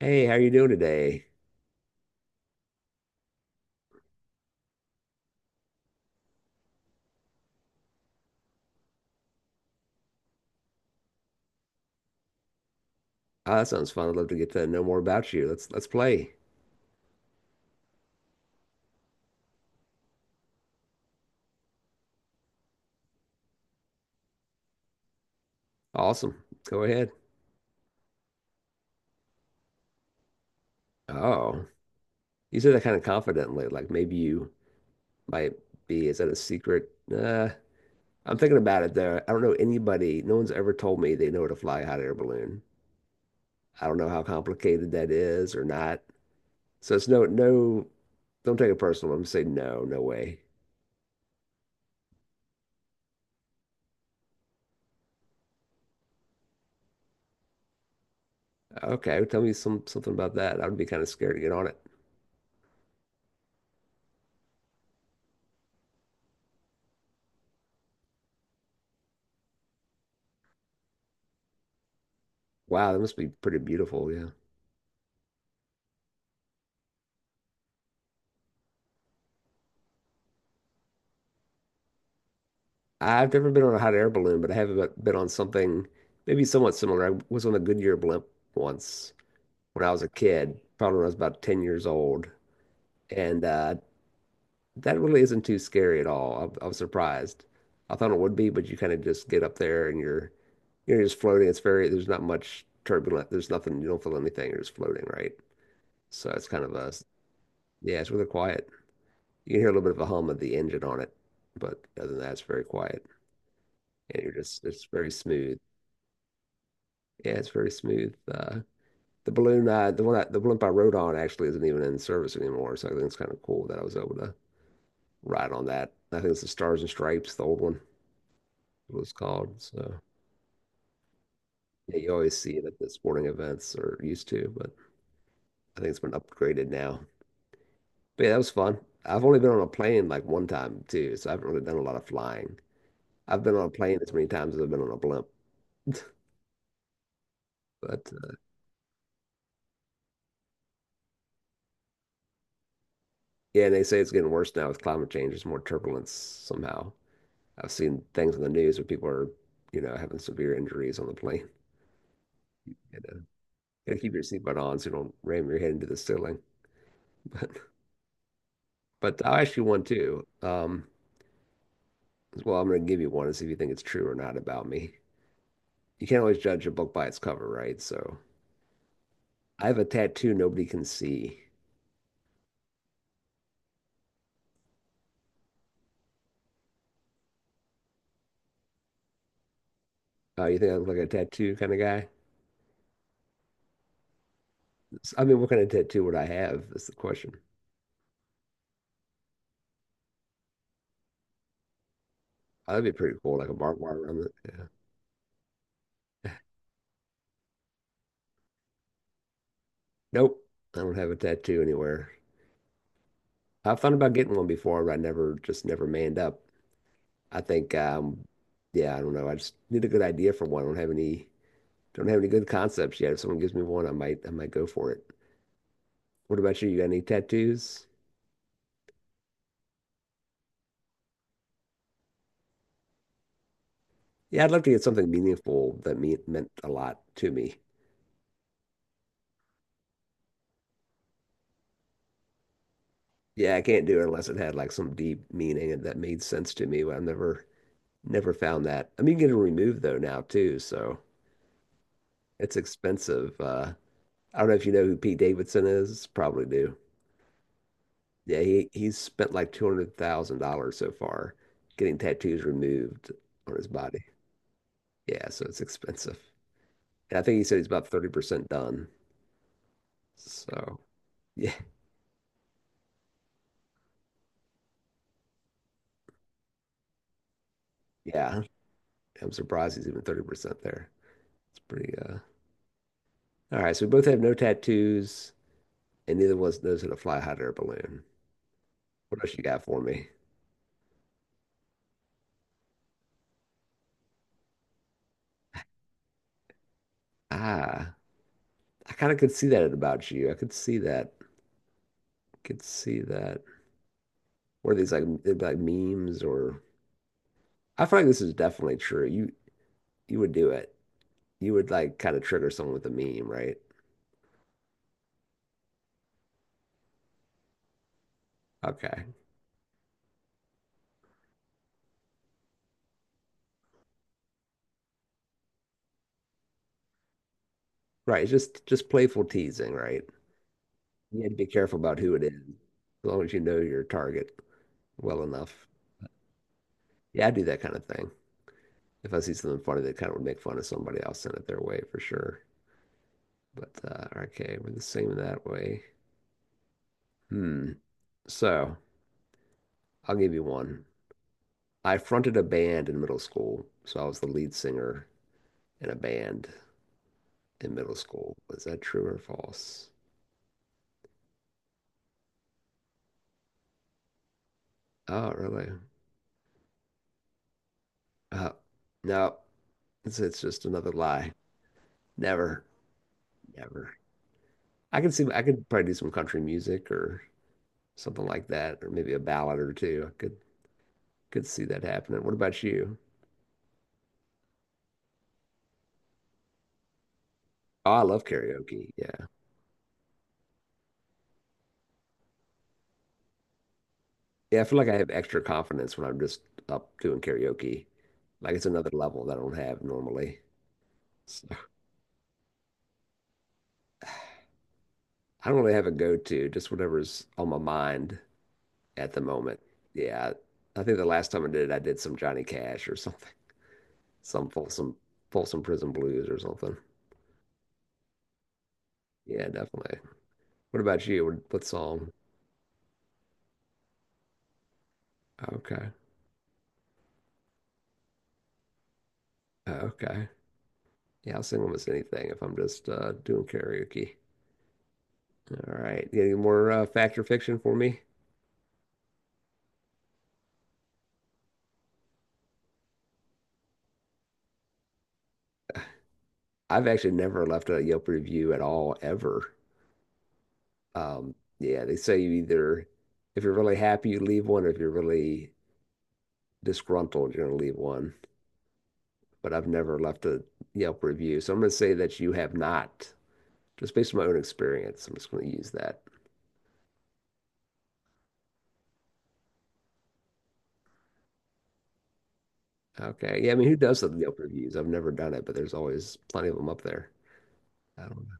Hey, how you doing today? Oh, that sounds fun. I'd love to get to know more about you. Let's play. Awesome. Go ahead. Oh, you said that kind of confidently, like maybe you might be. Is that a secret? I'm thinking about it though. I don't know anybody. No one's ever told me they know how to fly a hot air balloon. I don't know how complicated that is or not. So it's no, no. Don't take it personal. I'm just saying no, no way. Okay, tell me something about that. I would be kind of scared to get on it. Wow, that must be pretty beautiful. Yeah. I've never been on a hot air balloon, but I have been on something maybe somewhat similar. I was on a Goodyear blimp once when I was a kid, probably when I was about 10 years old. And that really isn't too scary at all. I was surprised. I thought it would be, but you kind of just get up there and you're just floating. There's not much turbulent. There's nothing, you don't feel anything. You're just floating, right? So it's kind of a, Yeah, it's really quiet. You can hear a little bit of a hum of the engine on it, but other than that, it's very quiet and it's very smooth. Yeah, it's very smooth. The balloon, the one I, the blimp I rode on actually isn't even in service anymore, so I think it's kind of cool that I was able to ride on that. I think it's the Stars and Stripes, the old one, it was called. So yeah, you always see it at the sporting events or used to, but I think it's been upgraded now. But yeah, that was fun. I've only been on a plane like one time too, so I haven't really done a lot of flying. I've been on a plane as many times as I've been on a blimp. But yeah, and they say it's getting worse now with climate change. There's more turbulence somehow. I've seen things on the news where people are having severe injuries on the plane. You know, you gotta keep your seatbelt on so you don't ram your head into the ceiling. But I'll ask you one too. Well, I'm gonna give you one and see if you think it's true or not about me. You can't always judge a book by its cover, right? So I have a tattoo nobody can see. You think I look like a tattoo kind of guy? I mean, what kind of tattoo would I have? That's the question. Oh, that'd be pretty cool, like a barbed wire around it. Yeah. Nope, I don't have a tattoo anywhere. I've thought about getting one before, but I never just never manned up. I think yeah, I don't know. I just need a good idea for one. I don't have any good concepts yet. If someone gives me one, I might go for it. What about you? You got any tattoos? Yeah, I'd love to get something meaningful that meant a lot to me. Yeah, I can't do it unless it had like some deep meaning and that made sense to me, but I've never found that. I mean, you can get it removed though now too, so it's expensive. I don't know if you know who Pete Davidson is. Probably do. Yeah, he's spent like $200,000 so far getting tattoos removed on his body. Yeah, so it's expensive. And I think he said he's about 30% done. So, yeah. Yeah. I'm surprised he's even 30% there. It's pretty All right, so we both have no tattoos and neither of us knows how to fly a hot air balloon. What else you got for me? Ah, I kind of could see that about you. I could see that. Could see that. What are these like, they'd be like memes, or I feel like this is definitely true. You would do it. You would like kind of trigger someone with a meme, right? Okay. Right. It's just playful teasing, right? You had to be careful about who it is, as long as you know your target well enough. Yeah, I do that kind of thing. If I see something funny that kind of would make fun of somebody, I'll send it their way for sure. But okay, we're the same that way. Hmm. So I'll give you one. I fronted a band in middle school, so I was the lead singer in a band in middle school. Was that true or false? Oh, really? Uh, no, it's just another lie. Never, never. I could probably do some country music or something like that, or maybe a ballad or two. I could see that happening. What about you? Oh, I love karaoke. Yeah. Yeah, I feel like I have extra confidence when I'm just up doing karaoke. Like it's another level that I don't have normally. So I don't really have a go-to, just whatever's on my mind at the moment. Yeah. I think the last time I did it, I did some Johnny Cash or something. Some Folsom Prison Blues or something. Yeah, definitely. What about you? What song? Okay. Okay. Yeah, I'll sing almost anything if I'm just doing karaoke. All right. You got any more fact or fiction for me? I've actually never left a Yelp review at all, ever. Yeah, they say you either, if you're really happy, you leave one, or if you're really disgruntled, you're going to leave one. But I've never left a Yelp review. So I'm going to say that you have not, just based on my own experience. I'm just going to use that. Okay. Yeah, I mean, who does the Yelp reviews? I've never done it, but there's always plenty of them up there. I don't know.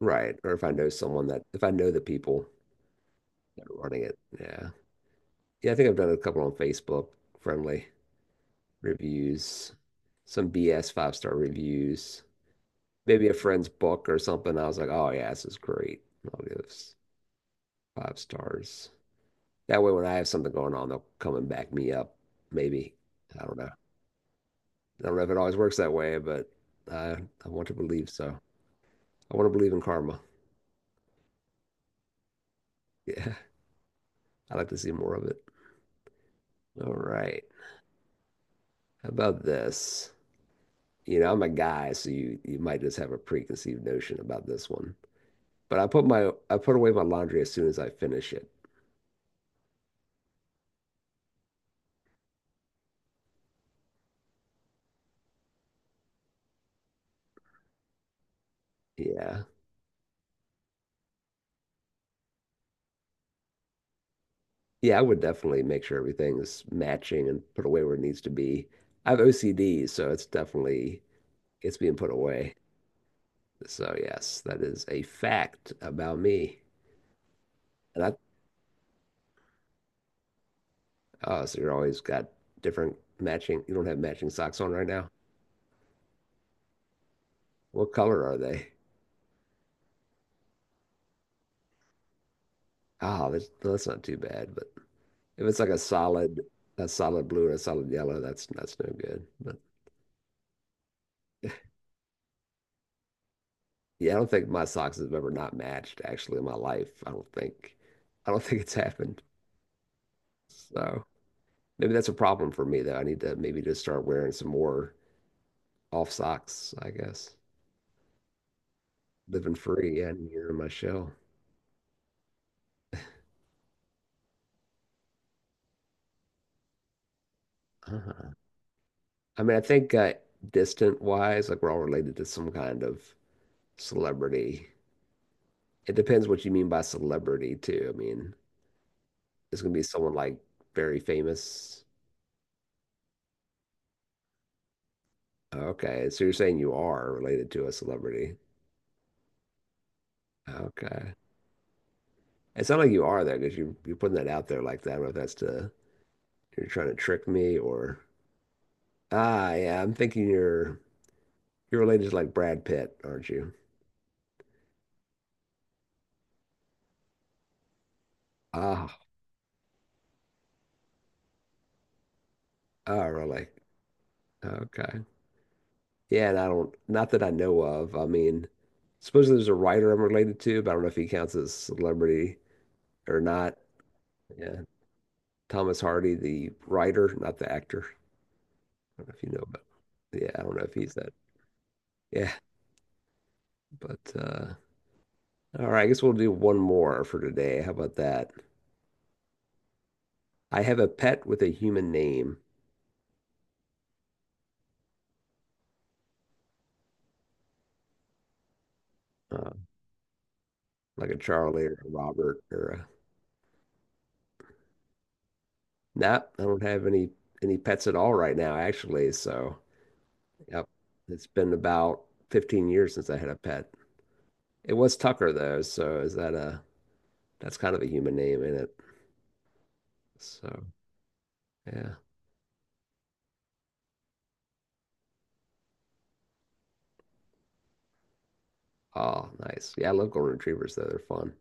Right. Or if I know someone that, if I know the people that are running it. Yeah. Yeah, I think I've done a couple on Facebook, friendly reviews, some BS five star reviews, maybe a friend's book or something. I was like, oh, yeah, this is great. I'll give this five stars. That way, when I have something going on, they'll come and back me up, maybe. I don't know. I don't know if it always works that way, but I, I want to believe so. I want to believe in karma. Yeah, I'd like to see more of it. All right. How about this? I'm a guy, so you might just have a preconceived notion about this one. But I put away my laundry as soon as I finish it. Yeah. Yeah, I would definitely make sure everything is matching and put away where it needs to be. I have OCD, so it's definitely it's being put away. So yes, that is a fact about me. And I oh, so you're always got different matching. You don't have matching socks on right now. What color are they? Oh, that's well, that's not too bad. But if it's like a solid, blue or a solid yellow, that's no good. But yeah, I don't think my socks have ever not matched actually in my life. I don't think it's happened. So maybe that's a problem for me though. I need to maybe just start wearing some more off socks, I guess. Living free, yeah, and you in my shell. Uh-huh. I mean, I think distant wise, like we're all related to some kind of celebrity. It depends what you mean by celebrity too. I mean. It's gonna be someone like very famous. Okay, so you're saying you are related to a celebrity. Okay. It sounds like you are there because you're putting that out there like that. I don't know if that's to, you're trying to trick me, or yeah, I'm thinking you're related to like Brad Pitt, aren't you? Ah, oh really? Okay. Yeah, and I don't, not that I know of. I mean, supposedly there's a writer I'm related to, but I don't know if he counts as celebrity or not. Yeah. Thomas Hardy, the writer, not the actor. Don't know if you know about. Yeah, I don't know if he's that. Yeah, but all right. I guess we'll do one more for today. How about that? I have a pet with a human name, uh, like a Charlie or a Robert or a. Nah, I don't have any pets at all right now, actually. So, yep, it's been about 15 years since I had a pet. It was Tucker though, so is that a that's kind of a human name in it. So, yeah. Oh, nice. Yeah, I love golden retrievers though. They're fun.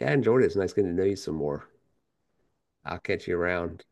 Yeah, I enjoyed it. It's nice getting to know you some more. I'll catch you around.